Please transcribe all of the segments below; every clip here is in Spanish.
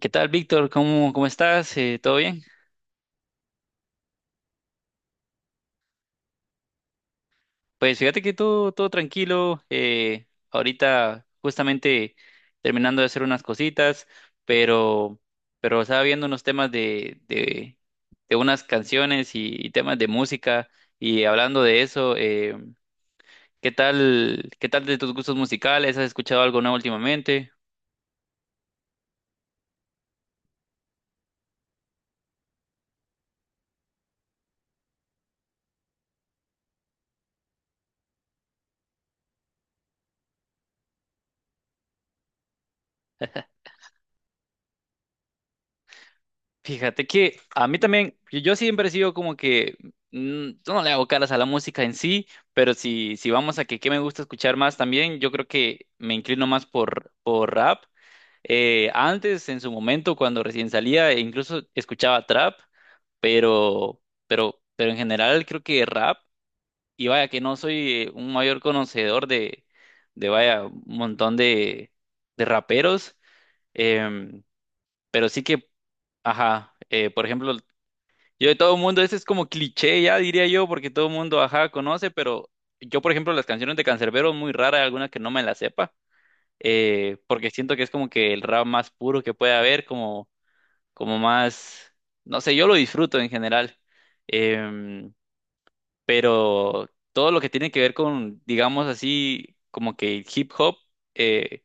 ¿Qué tal, Víctor? ¿Cómo estás? ¿Todo bien? Pues fíjate que todo tranquilo. Ahorita justamente terminando de hacer unas cositas, pero, pero estaba viendo unos temas de unas canciones y temas de música, y hablando de eso, qué tal de tus gustos musicales? ¿Has escuchado algo nuevo últimamente? Fíjate que a mí también, yo siempre he sido como que, yo no le hago caras a la música en sí, pero si, si vamos a que qué me gusta escuchar más también, yo creo que me inclino más por rap. Antes, en su momento, cuando recién salía, e incluso escuchaba trap, pero, pero en general creo que rap, y vaya que no soy un mayor conocedor de vaya, un montón de raperos, em, pero sí que... Ajá, por ejemplo, yo de todo el mundo, ese es como cliché ya, diría yo, porque todo el mundo, ajá, conoce, pero yo, por ejemplo, las canciones de Canserbero, muy rara alguna que no me la sepa, porque siento que es como que el rap más puro que puede haber, como, como más, no sé, yo lo disfruto en general, em, pero todo lo que tiene que ver con, digamos así, como que hip hop, eh,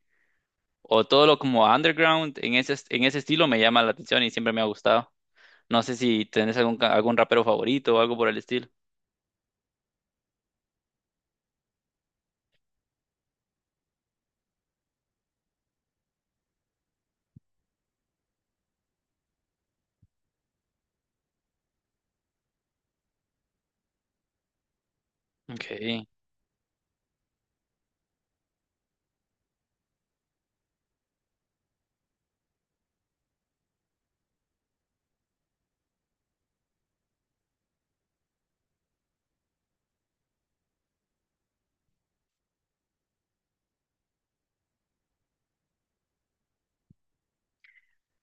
o todo lo como underground, en ese estilo me llama la atención y siempre me ha gustado. No sé si tenés algún, algún rapero favorito o algo por el estilo. Okay.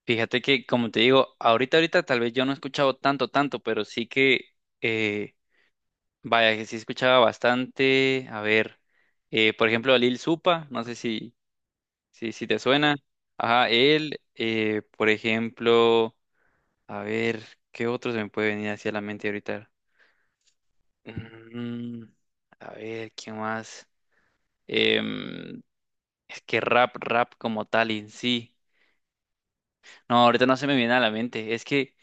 Fíjate que, como te digo, ahorita tal vez yo no he escuchado tanto, pero sí que, eh, vaya, que sí escuchaba bastante. A ver, por ejemplo, a Lil Supa, no sé si te suena. Ajá, él, por ejemplo, a ver, ¿qué otro se me puede venir hacia la mente ahorita? Mm, a ver, ¿quién más? Em, es que rap como tal en sí. No, ahorita no se me viene a la mente. Es que,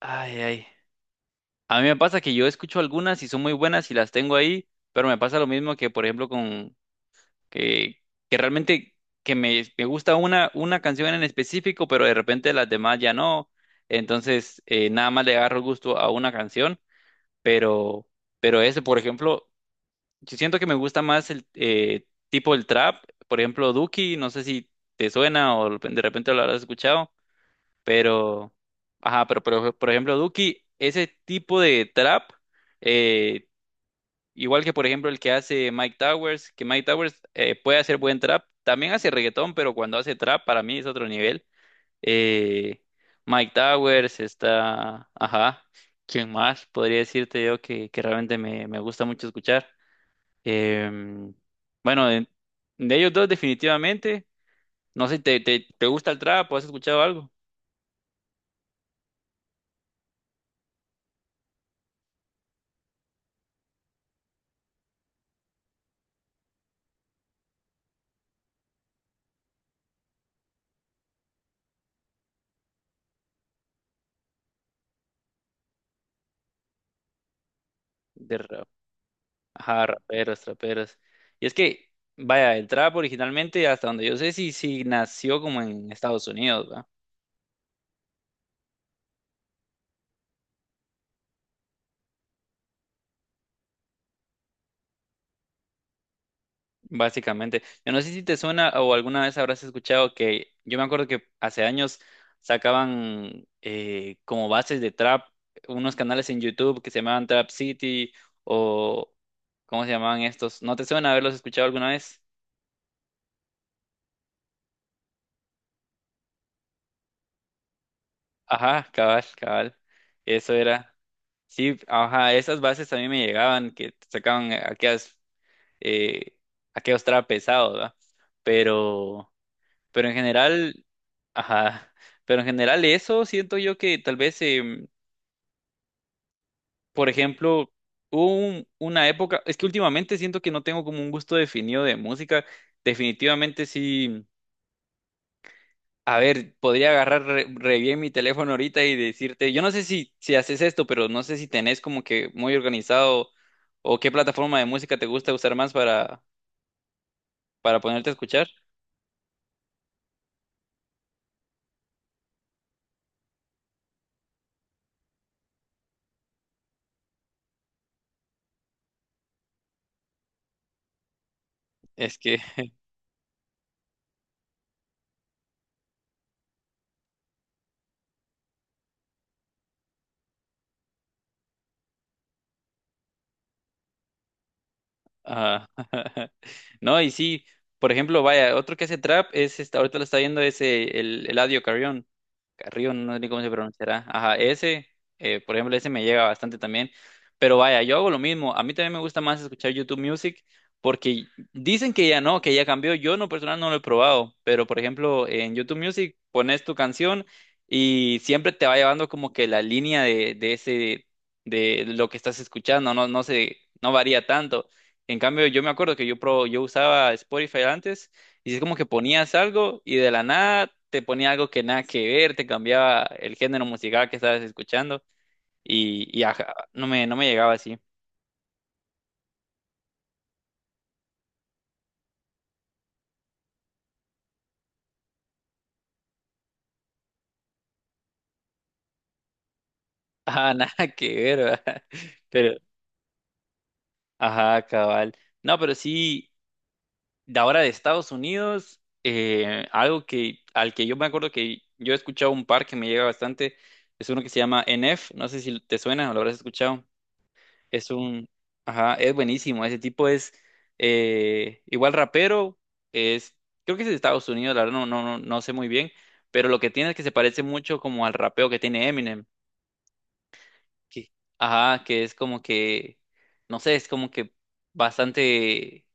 ay, ay. A mí me pasa que yo escucho algunas y son muy buenas y las tengo ahí, pero me pasa lo mismo que, por ejemplo, con que, que realmente que me gusta una canción en específico, pero de repente las demás ya no. Entonces, nada más le agarro gusto a una canción, pero, pero ese, por ejemplo, yo siento que me gusta más el tipo el trap, por ejemplo, Duki, no sé si te suena o de repente lo habrás escuchado. Pero, ajá, pero, por ejemplo, Duki, ese tipo de trap, eh, igual que por ejemplo el que hace Mike Towers, que Mike Towers puede hacer buen trap, también hace reggaetón, pero cuando hace trap para mí es otro nivel. Eh, Mike Towers está, ajá, ¿quién más? Podría decirte yo que realmente me, me gusta mucho escuchar. Em, bueno, de ellos dos definitivamente, no sé, ¿te, te, te gusta el trap o has escuchado algo? Ajá, raperos, traperos. Y es que, vaya, el trap originalmente, hasta donde yo sé, sí, sí nació como en Estados Unidos, ¿va? Básicamente. Yo no sé si te suena o alguna vez habrás escuchado que yo me acuerdo que hace años sacaban como bases de trap unos canales en YouTube que se llamaban Trap City o ¿cómo se llamaban estos? ¿No te suena haberlos escuchado alguna vez? Ajá, cabal, cabal. Eso era. Sí, ajá, esas bases a mí me llegaban, que sacaban aquellas eh, aquello estaba pesado, ¿verdad? Pero, pero en general, ajá, pero en general eso siento yo que tal vez, por ejemplo, hubo una época, es que últimamente siento que no tengo como un gusto definido de música, definitivamente sí, a ver, podría agarrar re, re bien mi teléfono ahorita y decirte, yo no sé si, si haces esto, pero no sé si tenés como que muy organizado o qué plataforma de música te gusta usar más para ponerte a escuchar. Es que ajá. No, y sí, por ejemplo, vaya, otro que hace trap es, ahorita lo está viendo, es el Eladio Carrión. Carrillo, no sé cómo se pronunciará. Ajá, ese, por ejemplo, ese me llega bastante también. Pero vaya, yo hago lo mismo. A mí también me gusta más escuchar YouTube Music porque dicen que ya no, que ya cambió. Yo no personal no lo he probado, pero por ejemplo, en YouTube Music pones tu canción y siempre te va llevando como que la línea de ese, de lo que estás escuchando. No, no sé, no varía tanto. En cambio, yo me acuerdo que yo, pro, yo usaba Spotify antes y es como que ponías algo y de la nada te ponía algo que nada que ver, te cambiaba el género musical que estabas escuchando y ajá, no me, no me llegaba así. Ajá, nada que ver, ¿verdad? Pero, ajá, cabal. No, pero sí, de ahora de Estados Unidos, algo que, al que yo me acuerdo que yo he escuchado un par que me llega bastante, es uno que se llama NF, no sé si te suena o lo habrás escuchado. Es un, ajá, es buenísimo. Ese tipo es igual rapero, es, creo que es de Estados Unidos, la verdad no sé muy bien, pero lo que tiene es que se parece mucho como al rapeo que tiene Eminem. que- Ajá, que es como que, no sé, es como que bastante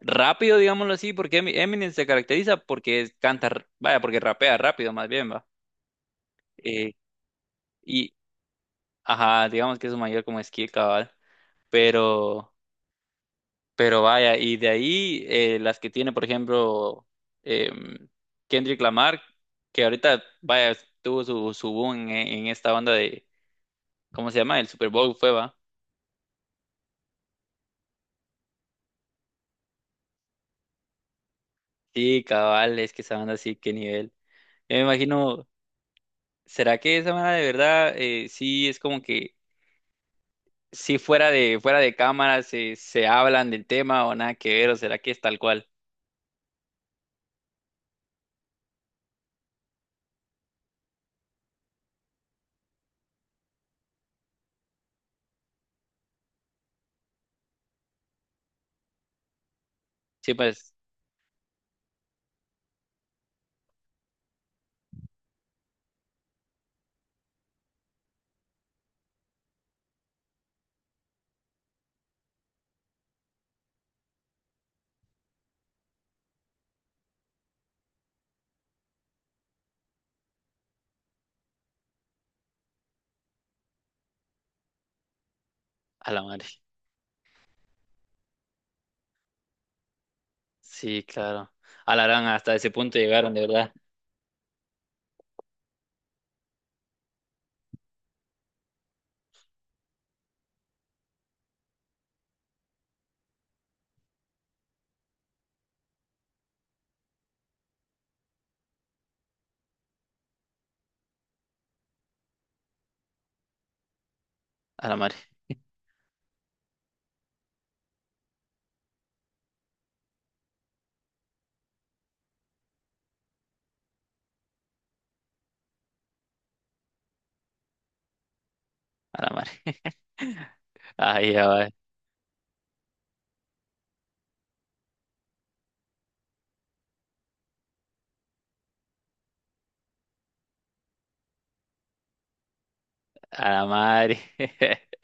rápido, digámoslo así, porque Eminem se caracteriza porque canta, vaya, porque rapea rápido más bien, va. Eh, y, ajá, digamos que es su mayor como skill, cabal. Pero... Pero vaya, y de ahí las que tiene, por ejemplo, em, Kendrick Lamar, que ahorita, vaya, tuvo su, su boom en esta banda de, ¿cómo se llama? El Super Bowl fue, va. Sí, cabal, es que esa banda sí, qué nivel. Yo me imagino, ¿será que esa banda de verdad sí es como que, si fuera de, fuera de cámara se, se hablan del tema o nada que ver, o será que es tal cual? Sí, pues, a la madre. Sí, claro. A la gran, hasta ese punto llegaron, de verdad, a la madre. A la madre. Ay, a la madre.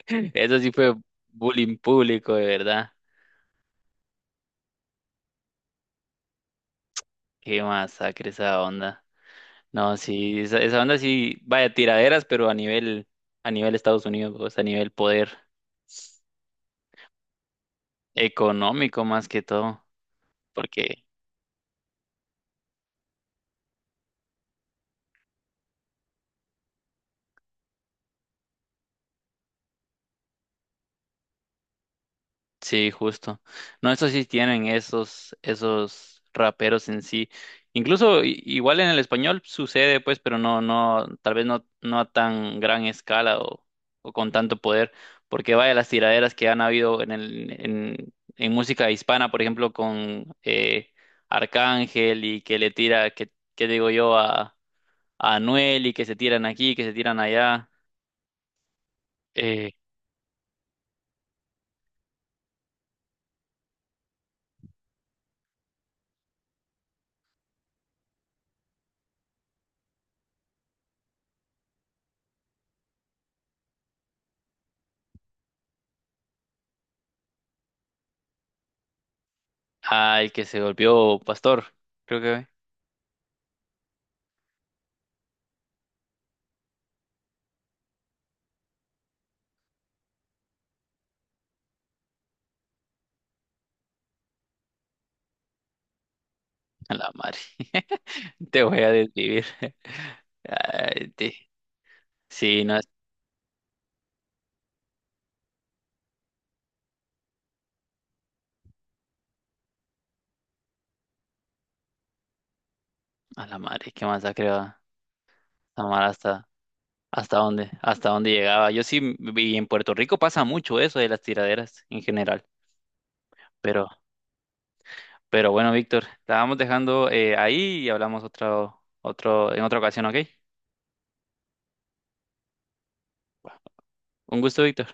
Eso sí fue bullying público, de verdad. Qué masacre esa onda. No, sí, esa onda sí, vaya tiraderas, pero a nivel Estados Unidos, pues, a nivel poder económico más que todo. Porque sí, justo. No, eso sí tienen esos, esos raperos en sí. Incluso igual en el español sucede, pues, pero no, no, tal vez no, no a tan gran escala o con tanto poder, porque vaya las tiraderas que han habido en el, en música hispana, por ejemplo, con Arcángel y que le tira, que digo yo, a Anuel y que se tiran aquí, que se tiran allá, eh, al que se golpeó Pastor, creo que. A la madre. Te voy a desvivir. Ay, te- Sí, no es. A la madre, qué masacre va. Amar hasta. ¿Hasta dónde? ¿Hasta dónde llegaba? Yo sí viví en Puerto Rico, pasa mucho eso de las tiraderas en general. Pero, pero bueno, Víctor, la vamos dejando ahí y hablamos otro, otro, en otra ocasión, ¿ok? Un gusto, Víctor.